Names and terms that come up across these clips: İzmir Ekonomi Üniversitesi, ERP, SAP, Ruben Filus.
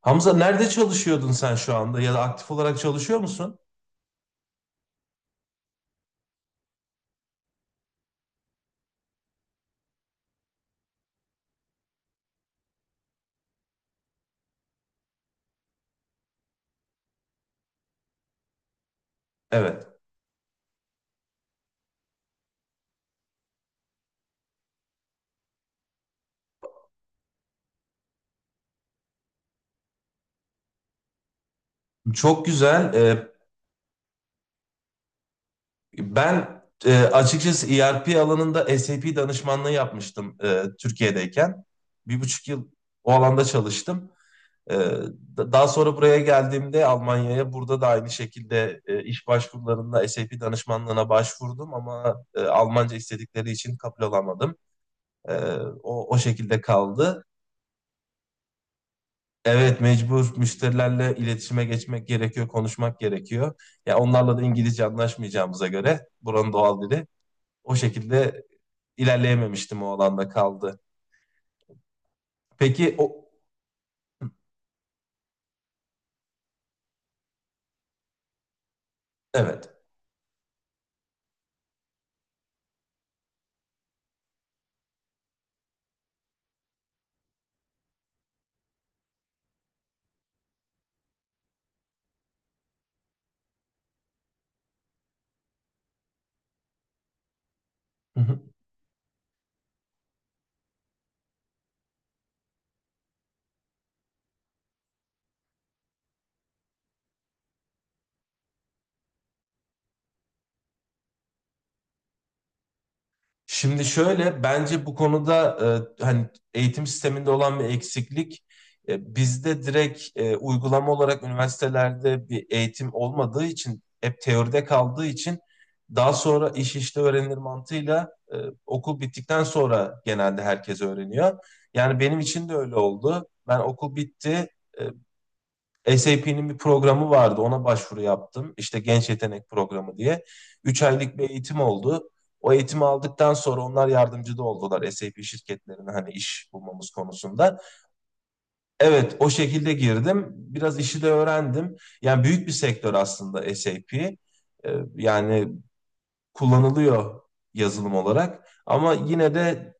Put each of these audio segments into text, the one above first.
Hamza nerede çalışıyordun sen şu anda ya da aktif olarak çalışıyor musun? Evet. Çok güzel. Ben açıkçası ERP alanında SAP danışmanlığı yapmıştım Türkiye'deyken. 1,5 yıl o alanda çalıştım. Ee, daha sonra buraya geldiğimde Almanya'ya burada da aynı şekilde iş başvurularında SAP danışmanlığına başvurdum ama Almanca istedikleri için kabul olamadım. Ee, o şekilde kaldı. Evet, mecbur müşterilerle iletişime geçmek gerekiyor, konuşmak gerekiyor. Ya onlarla da İngilizce anlaşmayacağımıza göre buranın doğal dili o şekilde ilerleyememiştim, o alanda kaldı. Peki o Evet. Şimdi şöyle bence bu konuda hani eğitim sisteminde olan bir eksiklik, bizde direkt uygulama olarak üniversitelerde bir eğitim olmadığı için hep teoride kaldığı için daha sonra iş işte öğrenilir mantığıyla okul bittikten sonra genelde herkes öğreniyor. Yani benim için de öyle oldu. Ben okul bitti. e, SAP'nin bir programı vardı. Ona başvuru yaptım. İşte genç yetenek programı diye. 3 aylık bir eğitim oldu. O eğitimi aldıktan sonra onlar yardımcı da oldular SAP şirketlerine hani iş bulmamız konusunda. Evet, o şekilde girdim. Biraz işi de öğrendim. Yani büyük bir sektör aslında SAP. Yani kullanılıyor yazılım olarak. Ama yine de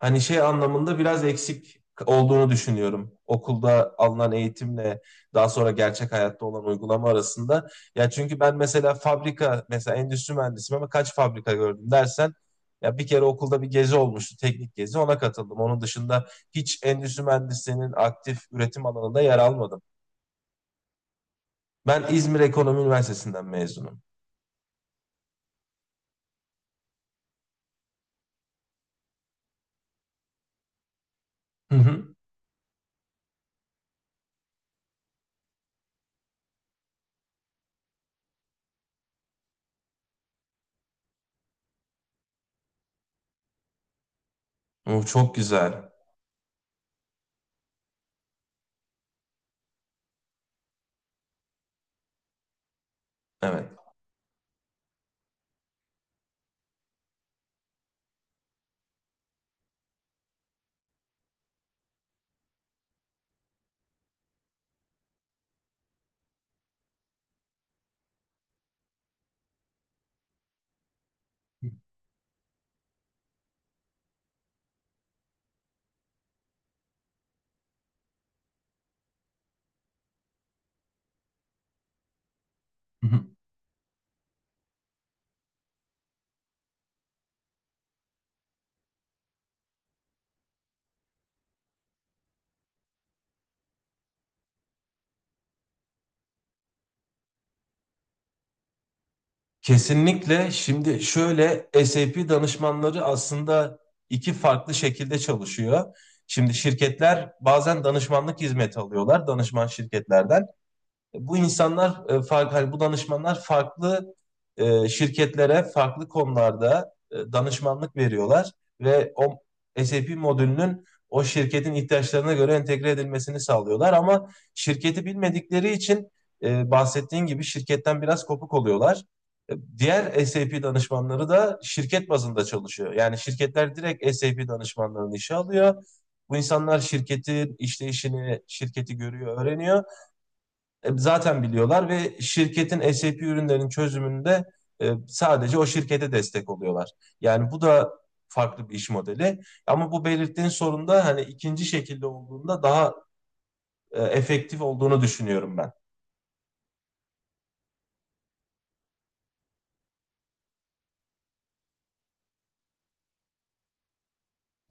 hani şey anlamında biraz eksik olduğunu düşünüyorum. Okulda alınan eğitimle daha sonra gerçek hayatta olan uygulama arasında. Ya çünkü ben mesela fabrika, mesela endüstri mühendisiyim ama kaç fabrika gördüm dersen ya bir kere okulda bir gezi olmuştu, teknik gezi, ona katıldım. Onun dışında hiç endüstri mühendisliğinin aktif üretim alanında yer almadım. Ben İzmir Ekonomi Üniversitesi'nden mezunum. Hı hı. O çok güzel. Evet. Hı hı. Kesinlikle. Şimdi şöyle SAP danışmanları aslında iki farklı şekilde çalışıyor. Şimdi şirketler bazen danışmanlık hizmeti alıyorlar danışman şirketlerden, bu insanlar farklı, hani bu danışmanlar farklı şirketlere farklı konularda danışmanlık veriyorlar ve o SAP modülünün o şirketin ihtiyaçlarına göre entegre edilmesini sağlıyorlar, ama şirketi bilmedikleri için bahsettiğin gibi şirketten biraz kopuk oluyorlar. Diğer SAP danışmanları da şirket bazında çalışıyor. Yani şirketler direkt SAP danışmanlarını işe alıyor. Bu insanlar şirketin işleyişini, şirketi görüyor, öğreniyor, zaten biliyorlar ve şirketin SAP ürünlerinin çözümünde sadece o şirkete destek oluyorlar. Yani bu da farklı bir iş modeli. Ama bu belirttiğin sorun da hani ikinci şekilde olduğunda daha efektif olduğunu düşünüyorum ben.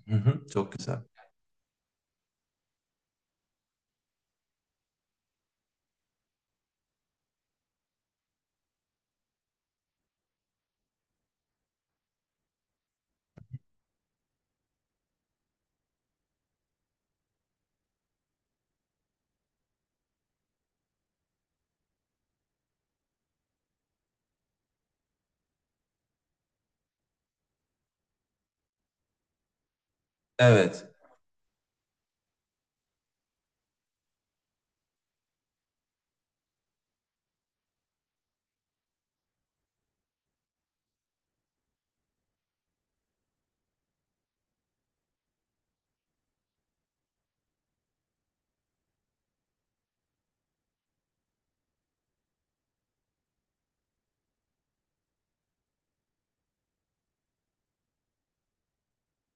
Hı hı, çok güzel. Evet.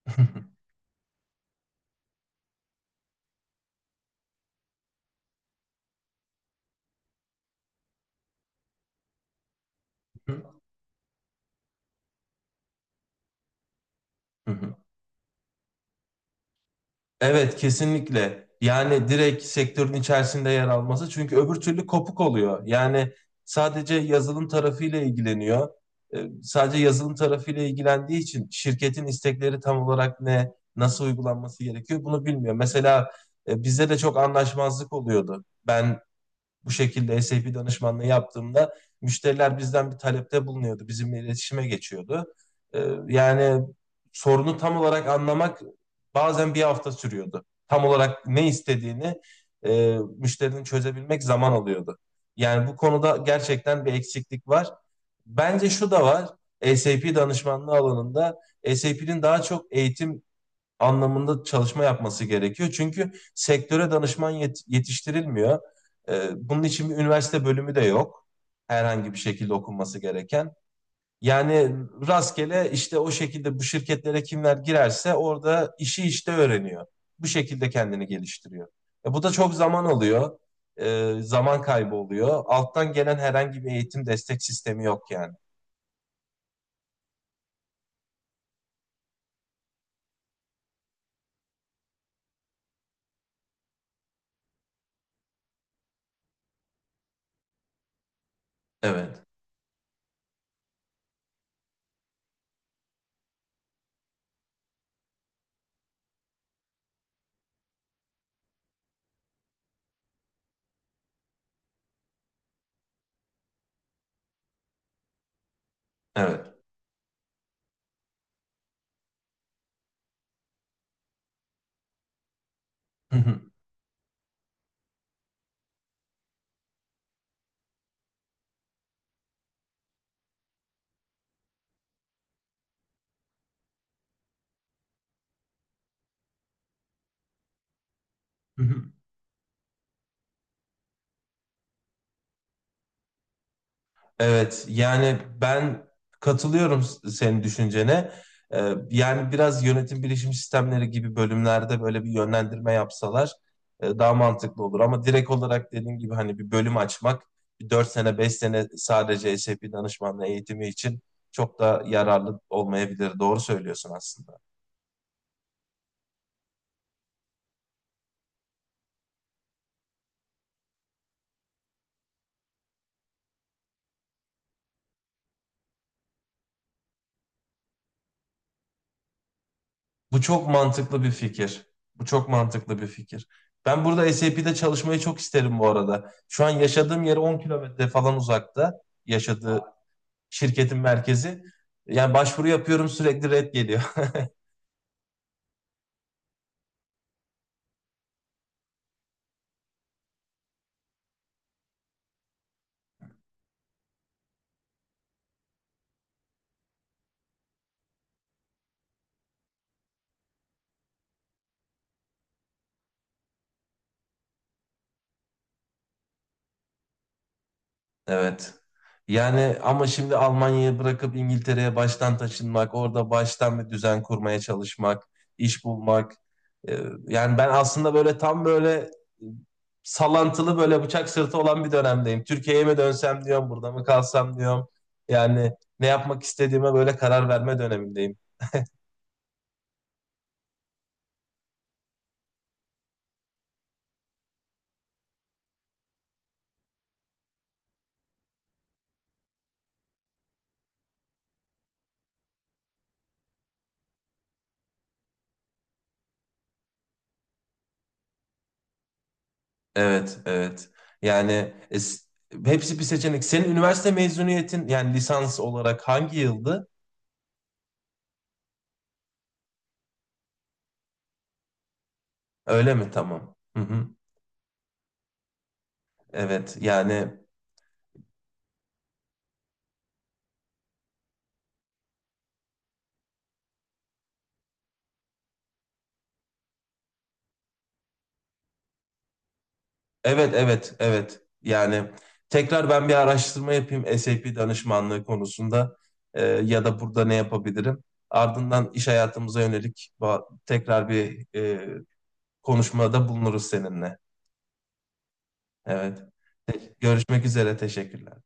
Hı hı. Evet, kesinlikle. Yani direkt sektörün içerisinde yer alması. Çünkü öbür türlü kopuk oluyor. Yani sadece yazılım tarafıyla ilgileniyor. Sadece yazılım tarafıyla ilgilendiği için şirketin istekleri tam olarak ne, nasıl uygulanması gerekiyor bunu bilmiyor. Mesela bizde de çok anlaşmazlık oluyordu. Ben bu şekilde SAP danışmanlığı yaptığımda müşteriler bizden bir talepte bulunuyordu. Bizimle iletişime geçiyordu. Ee, yani sorunu tam olarak anlamak bazen bir hafta sürüyordu. Tam olarak ne istediğini, müşterinin çözebilmek zaman alıyordu. Yani bu konuda gerçekten bir eksiklik var. Bence şu da var. SAP danışmanlığı alanında SAP'nin daha çok eğitim anlamında çalışma yapması gerekiyor. Çünkü sektöre danışman yetiştirilmiyor. Bunun için bir üniversite bölümü de yok. Herhangi bir şekilde okunması gereken. Yani rastgele işte o şekilde bu şirketlere kimler girerse orada işi işte öğreniyor. Bu şekilde kendini geliştiriyor. Bu da çok zaman alıyor. Zaman kaybı oluyor. Alttan gelen herhangi bir eğitim destek sistemi yok yani. Evet, evet. Evet, yani ben katılıyorum senin düşüncene. Yani biraz yönetim bilişim sistemleri gibi bölümlerde böyle bir yönlendirme yapsalar daha mantıklı olur. Ama direkt olarak dediğim gibi hani bir bölüm açmak, bir 4 sene 5 sene sadece SAP danışmanlığı eğitimi için çok da yararlı olmayabilir. Doğru söylüyorsun aslında. Bu çok mantıklı bir fikir. Bu çok mantıklı bir fikir. Ben burada SAP'de çalışmayı çok isterim bu arada. Şu an yaşadığım yere 10 kilometre falan uzakta yaşadığı şirketin merkezi. Yani başvuru yapıyorum, sürekli red geliyor. Evet. Yani ama şimdi Almanya'yı bırakıp İngiltere'ye baştan taşınmak, orada baştan bir düzen kurmaya çalışmak, iş bulmak. Ee, Yani ben aslında böyle tam böyle salantılı, böyle bıçak sırtı olan bir dönemdeyim. Türkiye'ye mi dönsem diyorum, burada mı kalsam diyorum. Yani ne yapmak istediğime böyle karar verme dönemindeyim. Evet, evet. Yani hepsi bir seçenek. Senin üniversite mezuniyetin, yani lisans olarak hangi yıldı? Öyle mi? Tamam. Hı hı. Evet. Yani evet, evet, evet. Yani tekrar ben bir araştırma yapayım SAP danışmanlığı konusunda. Ya da burada ne yapabilirim? Ardından iş hayatımıza yönelik tekrar bir konuşmada bulunuruz seninle. Evet. Görüşmek üzere. Teşekkürler.